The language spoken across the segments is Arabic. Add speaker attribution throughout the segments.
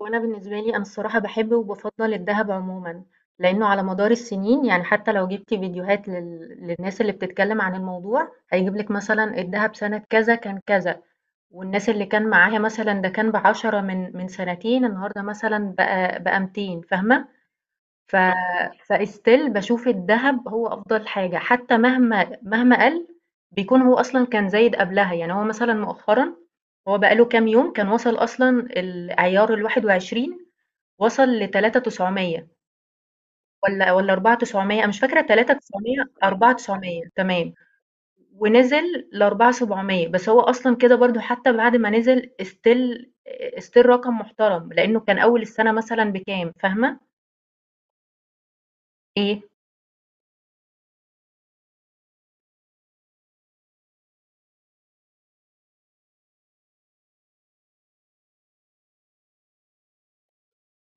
Speaker 1: وانا بالنسبه لي انا الصراحه بحب وبفضل الذهب عموما، لانه على مدار السنين يعني حتى لو جبتي فيديوهات للناس اللي بتتكلم عن الموضوع هيجيب لك مثلا الذهب سنه كذا كان كذا، والناس اللي كان معاها مثلا ده كان بعشرة من سنتين النهارده مثلا بقى 200، فاهمه؟ ف فاستيل بشوف الذهب هو افضل حاجه حتى مهما مهما قل، بيكون هو اصلا كان زايد قبلها، يعني هو مثلا مؤخرا هو بقاله كام يوم كان وصل اصلا العيار الواحد وعشرين، وصل ل3900 والّا 4900، أنا مش فاكرة 3900 4900، تمام، ونزل ل4700، بس هو أصلًا كده برضه حتى بعد ما نزل still رقم محترم، لإنه كان أول السنة مثلًا بكام، فاهمة؟ إيه؟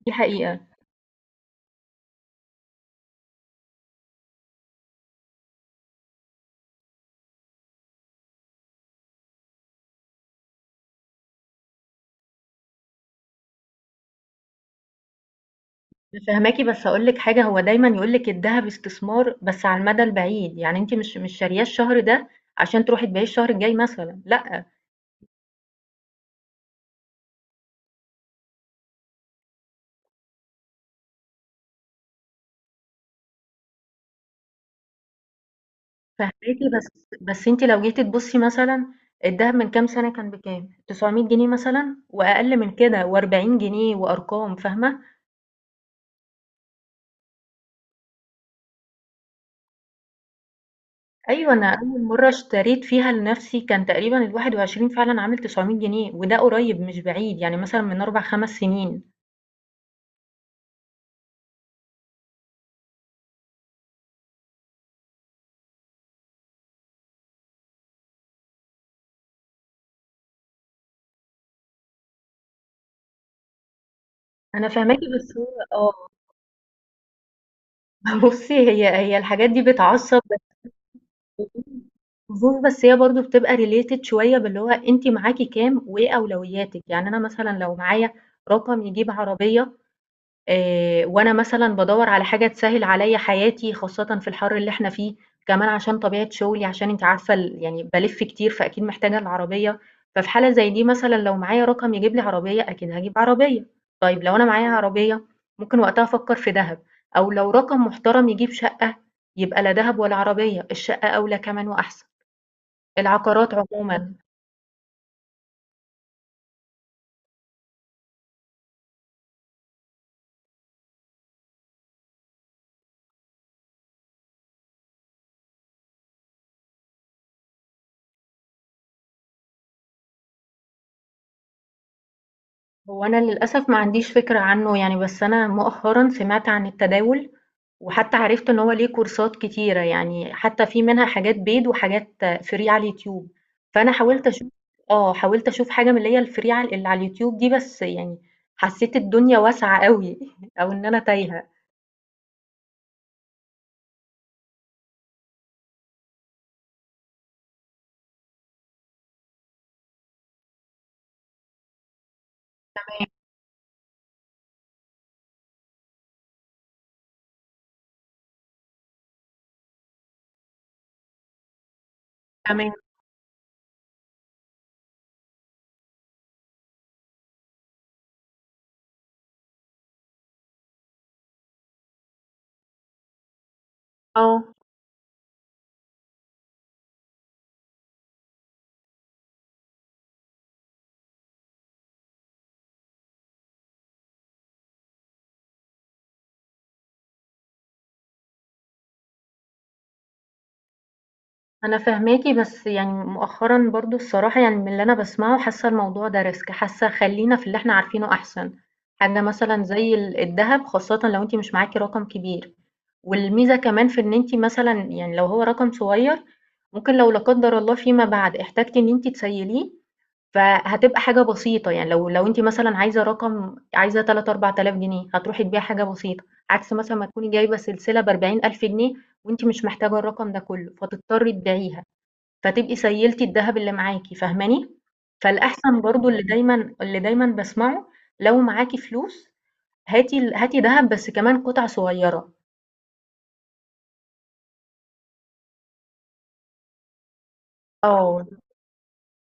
Speaker 1: دي حقيقة. أنا فاهماكِ بس هاقول لِك حاجة، هو دايمًا يقول لِك الدهب استثمار بس على المدى البعيد، يعني أنتِ مش شارياه الشهر ده عشان تروحي تبيعيه الشهر الجاي مثلًا، لأ. فاهماكِ، بس أنتِ لو جيتِ تبُصّي مثلًا الدهب من كام سنة كان بكام؟ 900 جنيه مثلًا وأقل من كده، و40 جنيه، وأرقام، فاهمة؟ أيوه، أنا أول مرّة اشتريت فيها لنَفْسي كان تقريبًا ال21 فعلًا عامل 900 جنيه وده قريب مش بعيد، يعني مثلًا من 4، 5 سنين. أنا فاهماكِ، بس هو آه. بُصّي، هي الحاجات دي بتعصّب، طموح، بس هي برضه بتبقى related شوية باللي هو أنتِ معاكِ كام وإيه أولوياتِك، يعني أنا مثلًا لو معايا رقم يجيب عربية، وأنا مثلًا بادوّر على حاجة تسهّل عليّا حياتي، خاصةً في الحَر اللي إحنا فيه، كمان عشان طبيعة شُغلي، عشان أنتِ عارفة ال يعني بالِف كتير، فأكيد محتاجة العربية، ففي حالة زي دي مثلًا لو معايا رقم يجيب لي عربية، أكيد هاجيب عربية. طيب لو أنا معايا عربية، ممكن وقتها أفكّر في دهب، أو لو رقم محترم يجيب شقة، يبقى لا دهب ولا عربية، الشقة أولى كمان وأحسن. العقارات عمومًا. هو أنا للأسف ما عنديش فكرة عنّه يعني، بس أنا مؤخرًا سمعت عن التداول، وحتى عرفت إن هو ليه كورسات كتيرة، يعني حتى في منها حاجات paid وحاجات free على اليوتيوب، فأنا حاولت أشوف. آه، حاولت أشوف حاجة من اللي هي الfree عل اللي على اليوتيوب دي، بس يعني حسيت الدنيا واسعة أوي أو إن أنا تايهة. تمام. آه، أنا فاهماكِ، بس يعني مؤخرًا برضه الصراحة يعني من اللي أنا باسمعه حاسة الموضوع ده risk، حاسة خلّينا في اللي إحنا عارفينه أحسن، حاجة مثلًا زي الدهب خاصةً لو أنتِ مش معاكِ رقم كبير. والميزة كمان في إن أنتِ مثلًا يعني لو هو رقم صغير، ممكن لو لا قدّر الله فيما بعد احتجتِ إن أنتِ تسيّليه، فهتبقى حاجة بسيطة، يعني لو أنتِ مثلًا عايزة رقم، عايزة 3000، 4000 جنيه، هتروحي تبيعي حاجة بسيطة، عكس مثلًا ما تكوني جايبة سلسلة ب40,000 جنيه وأنتِ مش محتاجة الرقم ده كلّه، فتضطري تبيعيها، فتبقي سيّلتِ الدهب اللي معاكِ، فاهماني؟ فالأحسن برضه اللي دايمًا اللي دايمًا باسمعه، لو معاكِ فلوس هاتي دهب بس كمان قطع صغيرة. آه،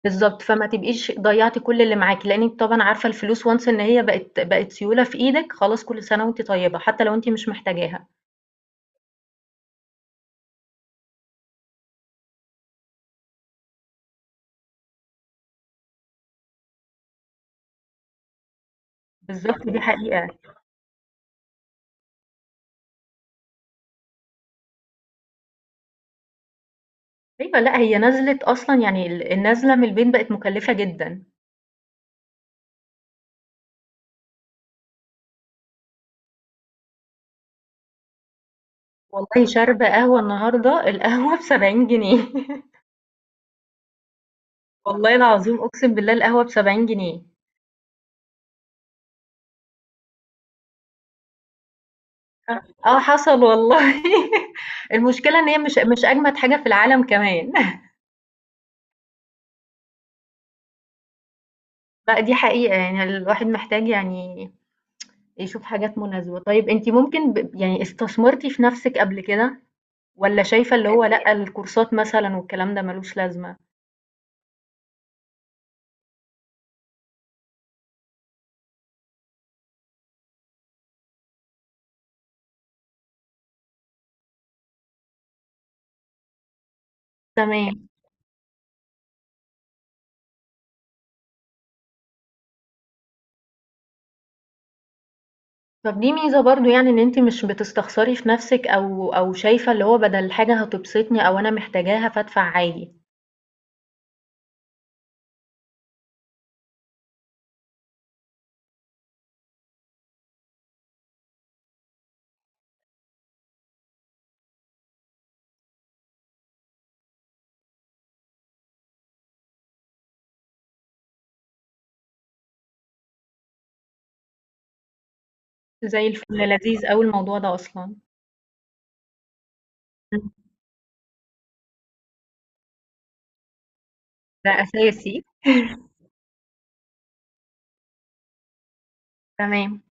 Speaker 1: بالضبط، فما تبقيش ضيّعتِ كل اللي معاكِ، لإنِّك طبعًا عارفة الفلوس once إن هي بقت سيولة في إيدِك، خلاص كل سنة وأنتِ طيبة، حتى لو أنتِ مش محتاجاها. بالضبط، دي حقيقة. أيوه، لأ هي نزلِت أصلًا، يعني ال النازلة من البيت بقت مُكلّفة جدًا. والله شاربة قهوة النهارده، القهوة ب70 جنيه. والله العظيم أقسم بالله القهوة ب70 جنيه. آه حصل والله. المشكلة إن هي مش أجمد حاجة في العالم كمان. لأ دي حقيقة، يعني الواحد محتاج يعني يشوف حاجات مناسبة. طيب أنتِ ممكن ب يعني استثمرتِ في نفسِك قبل كده، والّا شايفة اللي هو لأ، الكورسات مثلًا والكلام ده ما لوش لازمة؟ تمام. طب دي ميزة برضه يعني إن أنتِ مش بتستخسري في نفسِك، أو أو شايفة اللي هو بدل حاجة هتبسطني أو أنا محتاجاها فادفع عادي. زي الفل، لذيذ أوي الموضوع ده أصلًا. إمم. ده أساسي. تمام،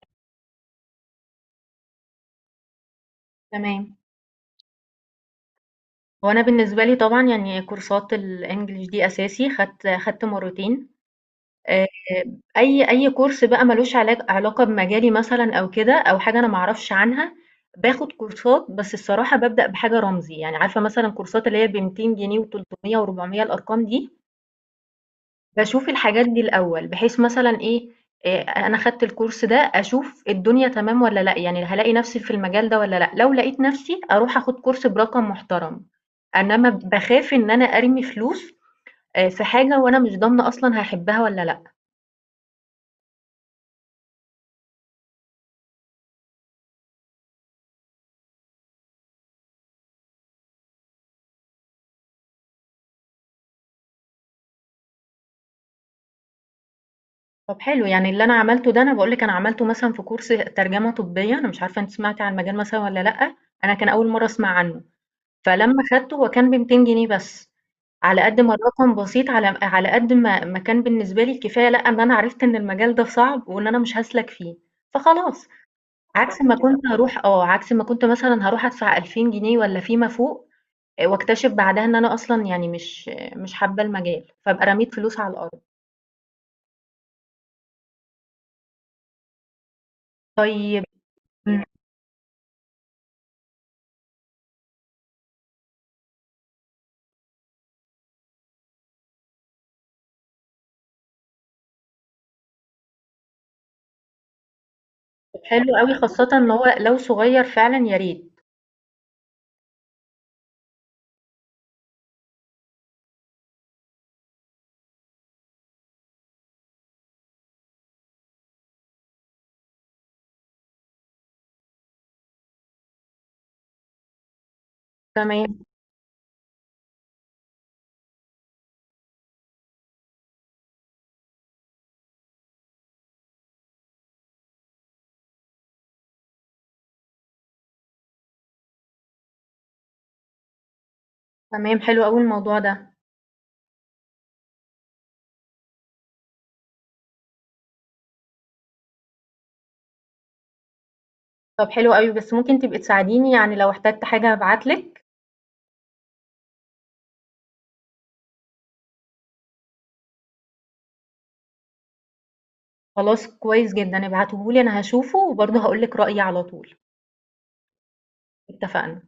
Speaker 1: تمام. هو أنا بالنسبة لي طبعًا يعني كورسات الEnglish دي أساسي، خدت مرّتين. آآ أي كورس بقى مالوش علاقة بمجالي مثلًا أو كده، أو حاجة أنا ما أعرفش عنها، باخد كورسات بس الصراحة بابدأ بحاجة رمزي، يعني عارفة مثلًا كورسات اللي هي ب200 جنيه و300 و400، الأرقام دي، باشوف الحاجات دي الأول، بحيث مثلًا إيه، أنا خدت الكورس ده أشوف الدنيا تمام والّا لأ، يعني هالاقي نفسي في المجال ده والّا لأ، لو لقيت نفسي أروح آخد كورس برقم محترم، إنما باخاف إن أنا أرمي فلوس في حاجة وأنا مش ضامنة أصلًا هاحبها والّا لأ. طب حلو، يعني اللي أنا عملته ده أنا باقول لِك، أنا عملته مثلًا في كورس ترجمة طبية، أنا مش عارفة أنتِ سمعتِ عن المجال مثلًا والّا لأ، أنا كان أول مرّة أسمع عنه، فلمّا خدته هو كان ب200 جنيه بس، على قد ما الرقم بسيط، على قد ما كان بالنسبة لي الكفاية لأ، إن أنا عرفت إن المجال ده صعب وإن أنا مش هاسلك فيه، فخلاص، عكس ما كنت هاروح آه، عكس ما كنت مثلًا هاروح أدفع 2000 جنيه والّا فيما فوق، واكتشف بعدها إن أنا أصلًا يعني مش حابة المجال، فابقى رميت فلوس على الأرض. طيب حلو أوي، خاصةً إن هو لو صغير فعلًا يا ريت. تمام، تمام، حلو أوي الموضوع ده. طب حلو أوي، بس ممكن تبقي تساعديني يعني لو احتجت حاجة هابعت لِك؟ خلاص كويس جدًا، ابعتيه لي أنا هاشوفه وبرضه هاقول لِك رأيي على طول. اتفقنا.